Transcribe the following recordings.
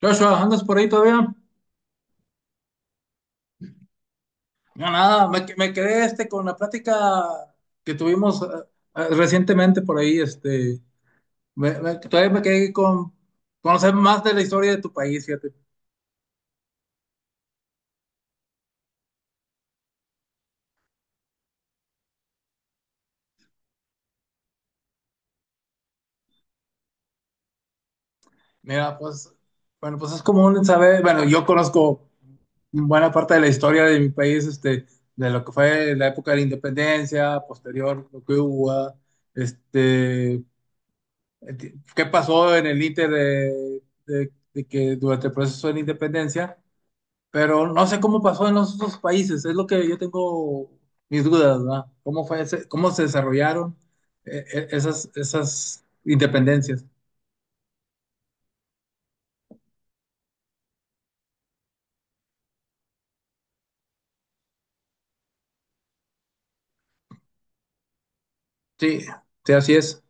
Joshua, ¿andas por ahí todavía? No, nada, me, me quedé con la plática que tuvimos recientemente por ahí. Todavía me quedé con conocer más de la historia de tu país, fíjate. Mira, pues, bueno, pues es común saber, bueno, yo conozco buena parte de la historia de mi país, de lo que fue la época de la independencia, posterior, lo que hubo, este, eh, qué pasó en el íter de de que durante el proceso de la independencia. Pero no sé cómo pasó en los otros países, es lo que yo tengo mis dudas, ¿verdad? ¿Cómo fue cómo se desarrollaron esas independencias? Sí, sí, así es.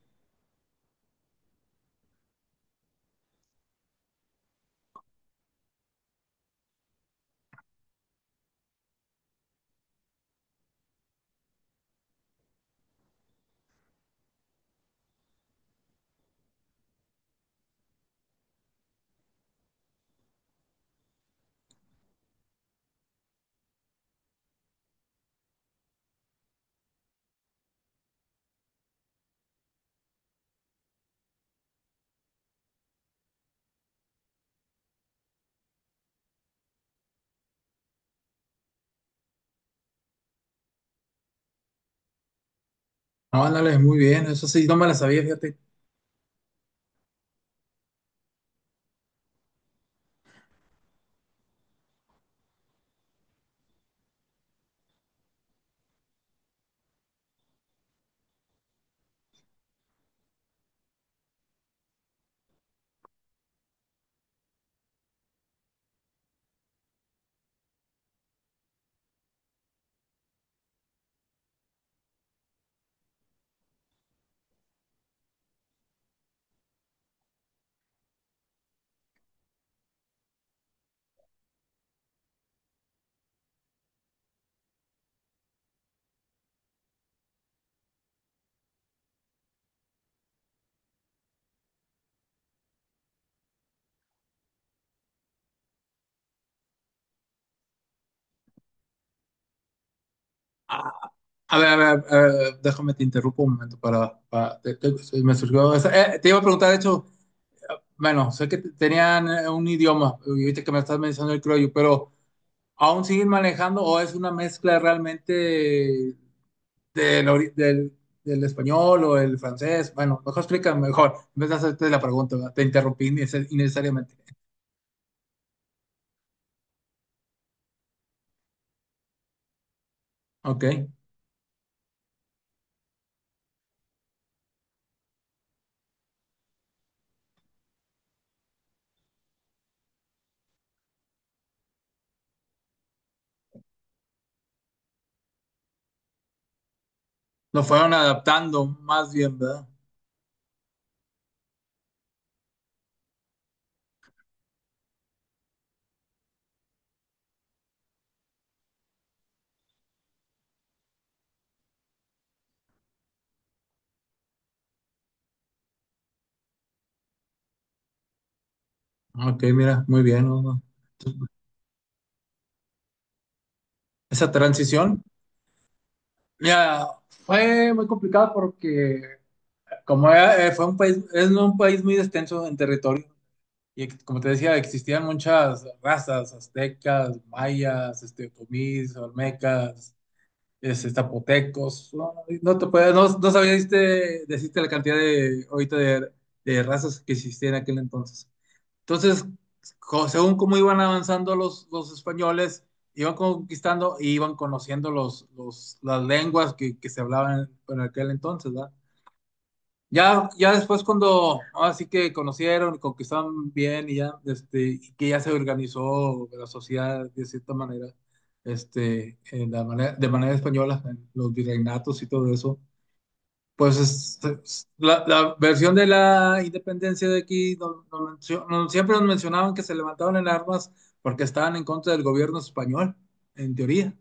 No, ándale, muy bien, eso sí, no me la sabía, fíjate. A a ver, a ver, a ver, déjame te interrumpo un momento para, se me surgió te iba a preguntar, de hecho, eh, bueno, sé que tenían un idioma, y ahorita que me estás mencionando el criollo, pero ¿aún siguen manejando o es una mezcla realmente del, ori- del, del español o el francés? Bueno, mejor explícame mejor. En vez de hacerte la pregunta, ¿verdad? Te interrumpí innecesariamente. Ok. Lo fueron adaptando más bien, ¿verdad? Ok, mira, muy bien. ¿No? No. Entonces, esa transición, mira, fue muy complicada porque fue un país, es no un país muy extenso en territorio. Y como te decía, existían muchas razas, aztecas, mayas, otomís, olmecas, es zapotecos, no, no te puedes, no, no sabías decirte la cantidad de, ahorita de razas que existían en aquel entonces. Entonces, según cómo iban avanzando los españoles, iban conquistando y iban conociendo las lenguas que se hablaban en aquel entonces, ¿verdad? Ya después cuando así que conocieron, y conquistaron bien y ya, y que ya se organizó la sociedad de cierta manera, en la manera, de manera española, en los virreinatos y todo eso, pues la versión de la independencia de aquí, siempre nos mencionaban que se levantaban en armas porque estaban en contra del gobierno español, en teoría.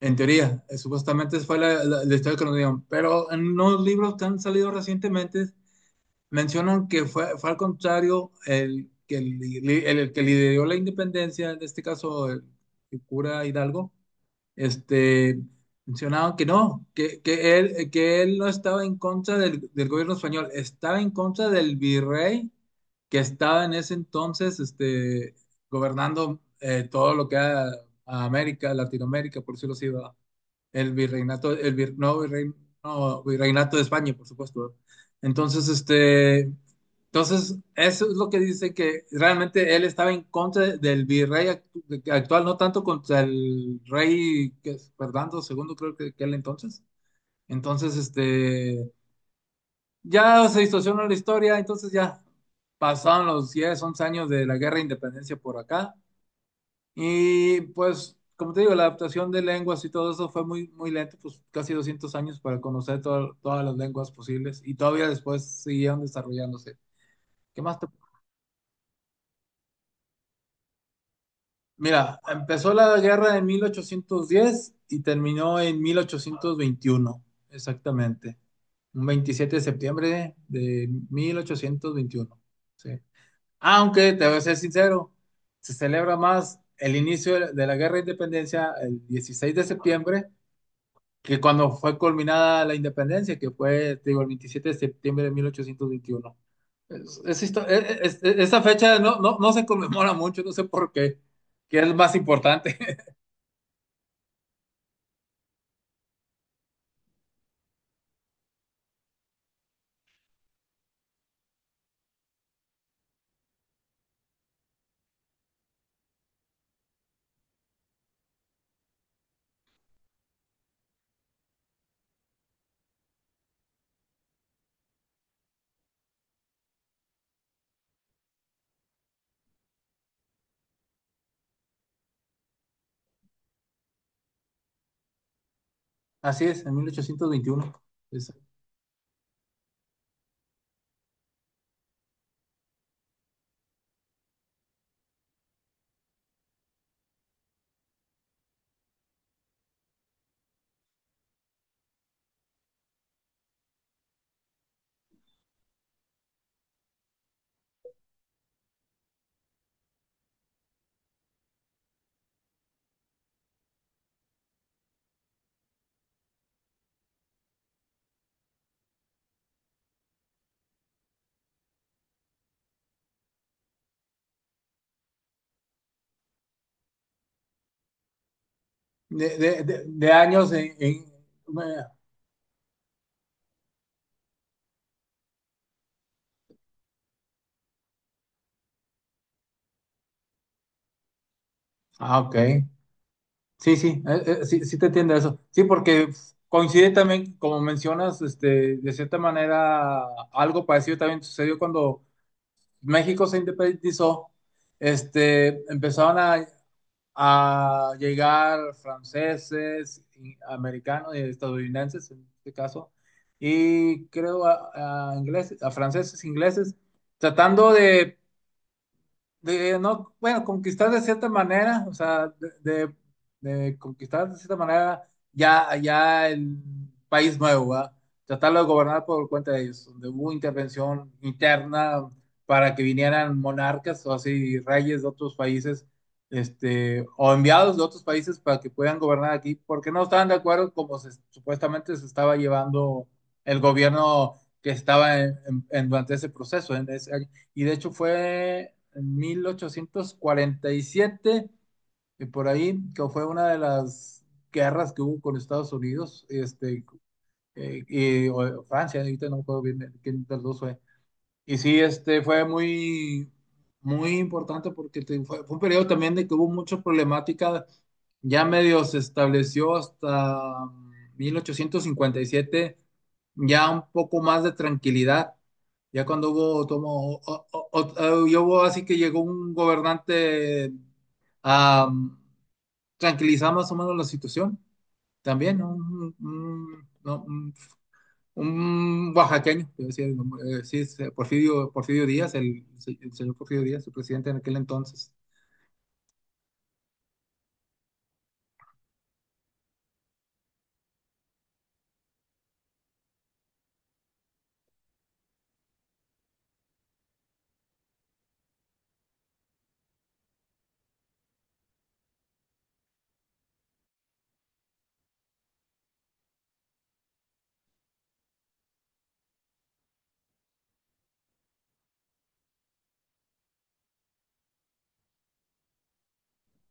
En teoría, supuestamente esa fue la historia que nos dieron, pero en unos libros que han salido recientemente mencionan que fue al contrario el que lideró la independencia, en este caso el cura Hidalgo, este, mencionaban que no, que él no estaba en contra del gobierno español, estaba en contra del virrey que estaba en ese entonces, gobernando todo lo que era a América, Latinoamérica, por decirlo así, ¿verdad? El virreinato, el vir- no, virrein- no, virreinato de España, por supuesto. Entonces, entonces, eso es lo que dice que realmente él estaba en contra del virrey actual, no tanto contra el rey que es Fernando II, creo que él entonces. Entonces, ya se distorsionó la historia, entonces ya pasaron los 10 11 años de la guerra de independencia por acá. Y pues, como te digo, la adaptación de lenguas y todo eso fue muy, muy lento, pues casi 200 años para conocer todas las lenguas posibles y todavía después siguieron desarrollándose. ¿Qué más Mira, empezó la guerra en 1810 y terminó en 1821 exactamente. Un 27 de septiembre de mil ochocientos veintiuno. Sí. Aunque, te voy a ser sincero, se celebra más el inicio de la guerra de independencia el 16 de septiembre que cuando fue culminada la independencia, que fue, te digo, el 27 de septiembre de 1821. Es histo- es- e, esa fecha no, no, no se conmemora mucho, no sé por qué, que es más importante. Así es, en 1821. Es- De, de años en- bueno, ah, ok. Sí, sí, sí, sí te entiendo eso. Sí, porque coincide también, como mencionas, de cierta manera, algo parecido también sucedió cuando México se independizó, empezaron a llegar franceses, y americanos y estadounidenses en este caso, y creo a ingleses, a franceses, ingleses, tratando de no, bueno, conquistar de cierta manera, o sea, de conquistar de cierta manera ya, ya el país nuevo, ¿verdad? Tratarlo de gobernar por cuenta de ellos, donde hubo intervención interna para que vinieran monarcas o así reyes de otros países, o enviados de otros países para que puedan gobernar aquí, porque no estaban de acuerdo como supuestamente se estaba llevando el gobierno que estaba durante ese proceso, en ese año, y de hecho fue en 1847, y por ahí, que fue una de las guerras que hubo con Estados Unidos, y, o Francia, ahorita no me acuerdo bien quién de los dos fue, y sí, este fue muy, muy importante porque fue un periodo también de que hubo muchas problemáticas. Ya medio se estableció hasta 1857, ya un poco más de tranquilidad. Ya cuando hubo, tomo, y hubo así que llegó un gobernante a tranquilizar más o menos la situación. También, ¿no? Un oaxaqueño, que decía el nombre, sí, es, Porfirio, Porfirio Díaz, el señor Porfirio Díaz, su presidente en aquel entonces.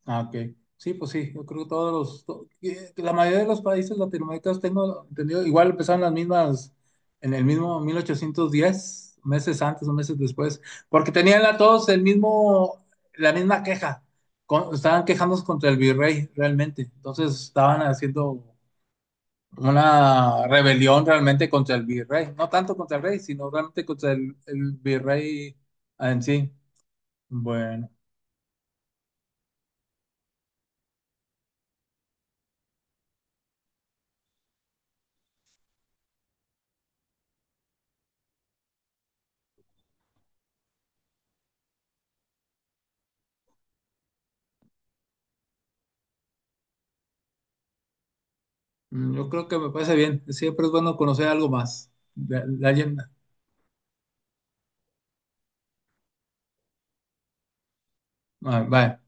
Ah, ok. Sí, pues sí, yo creo que todos que la mayoría de los países latinoamericanos tengo entendido, igual empezaron en el mismo 1810 meses antes o meses después, porque tenían todos el mismo, la misma queja, estaban quejándose contra el virrey realmente, entonces estaban haciendo una rebelión realmente contra el virrey, no tanto contra el rey, sino realmente contra el virrey en sí. Bueno, mm, yo creo que me parece bien, siempre es bueno conocer algo más de alguien. Ah, vale.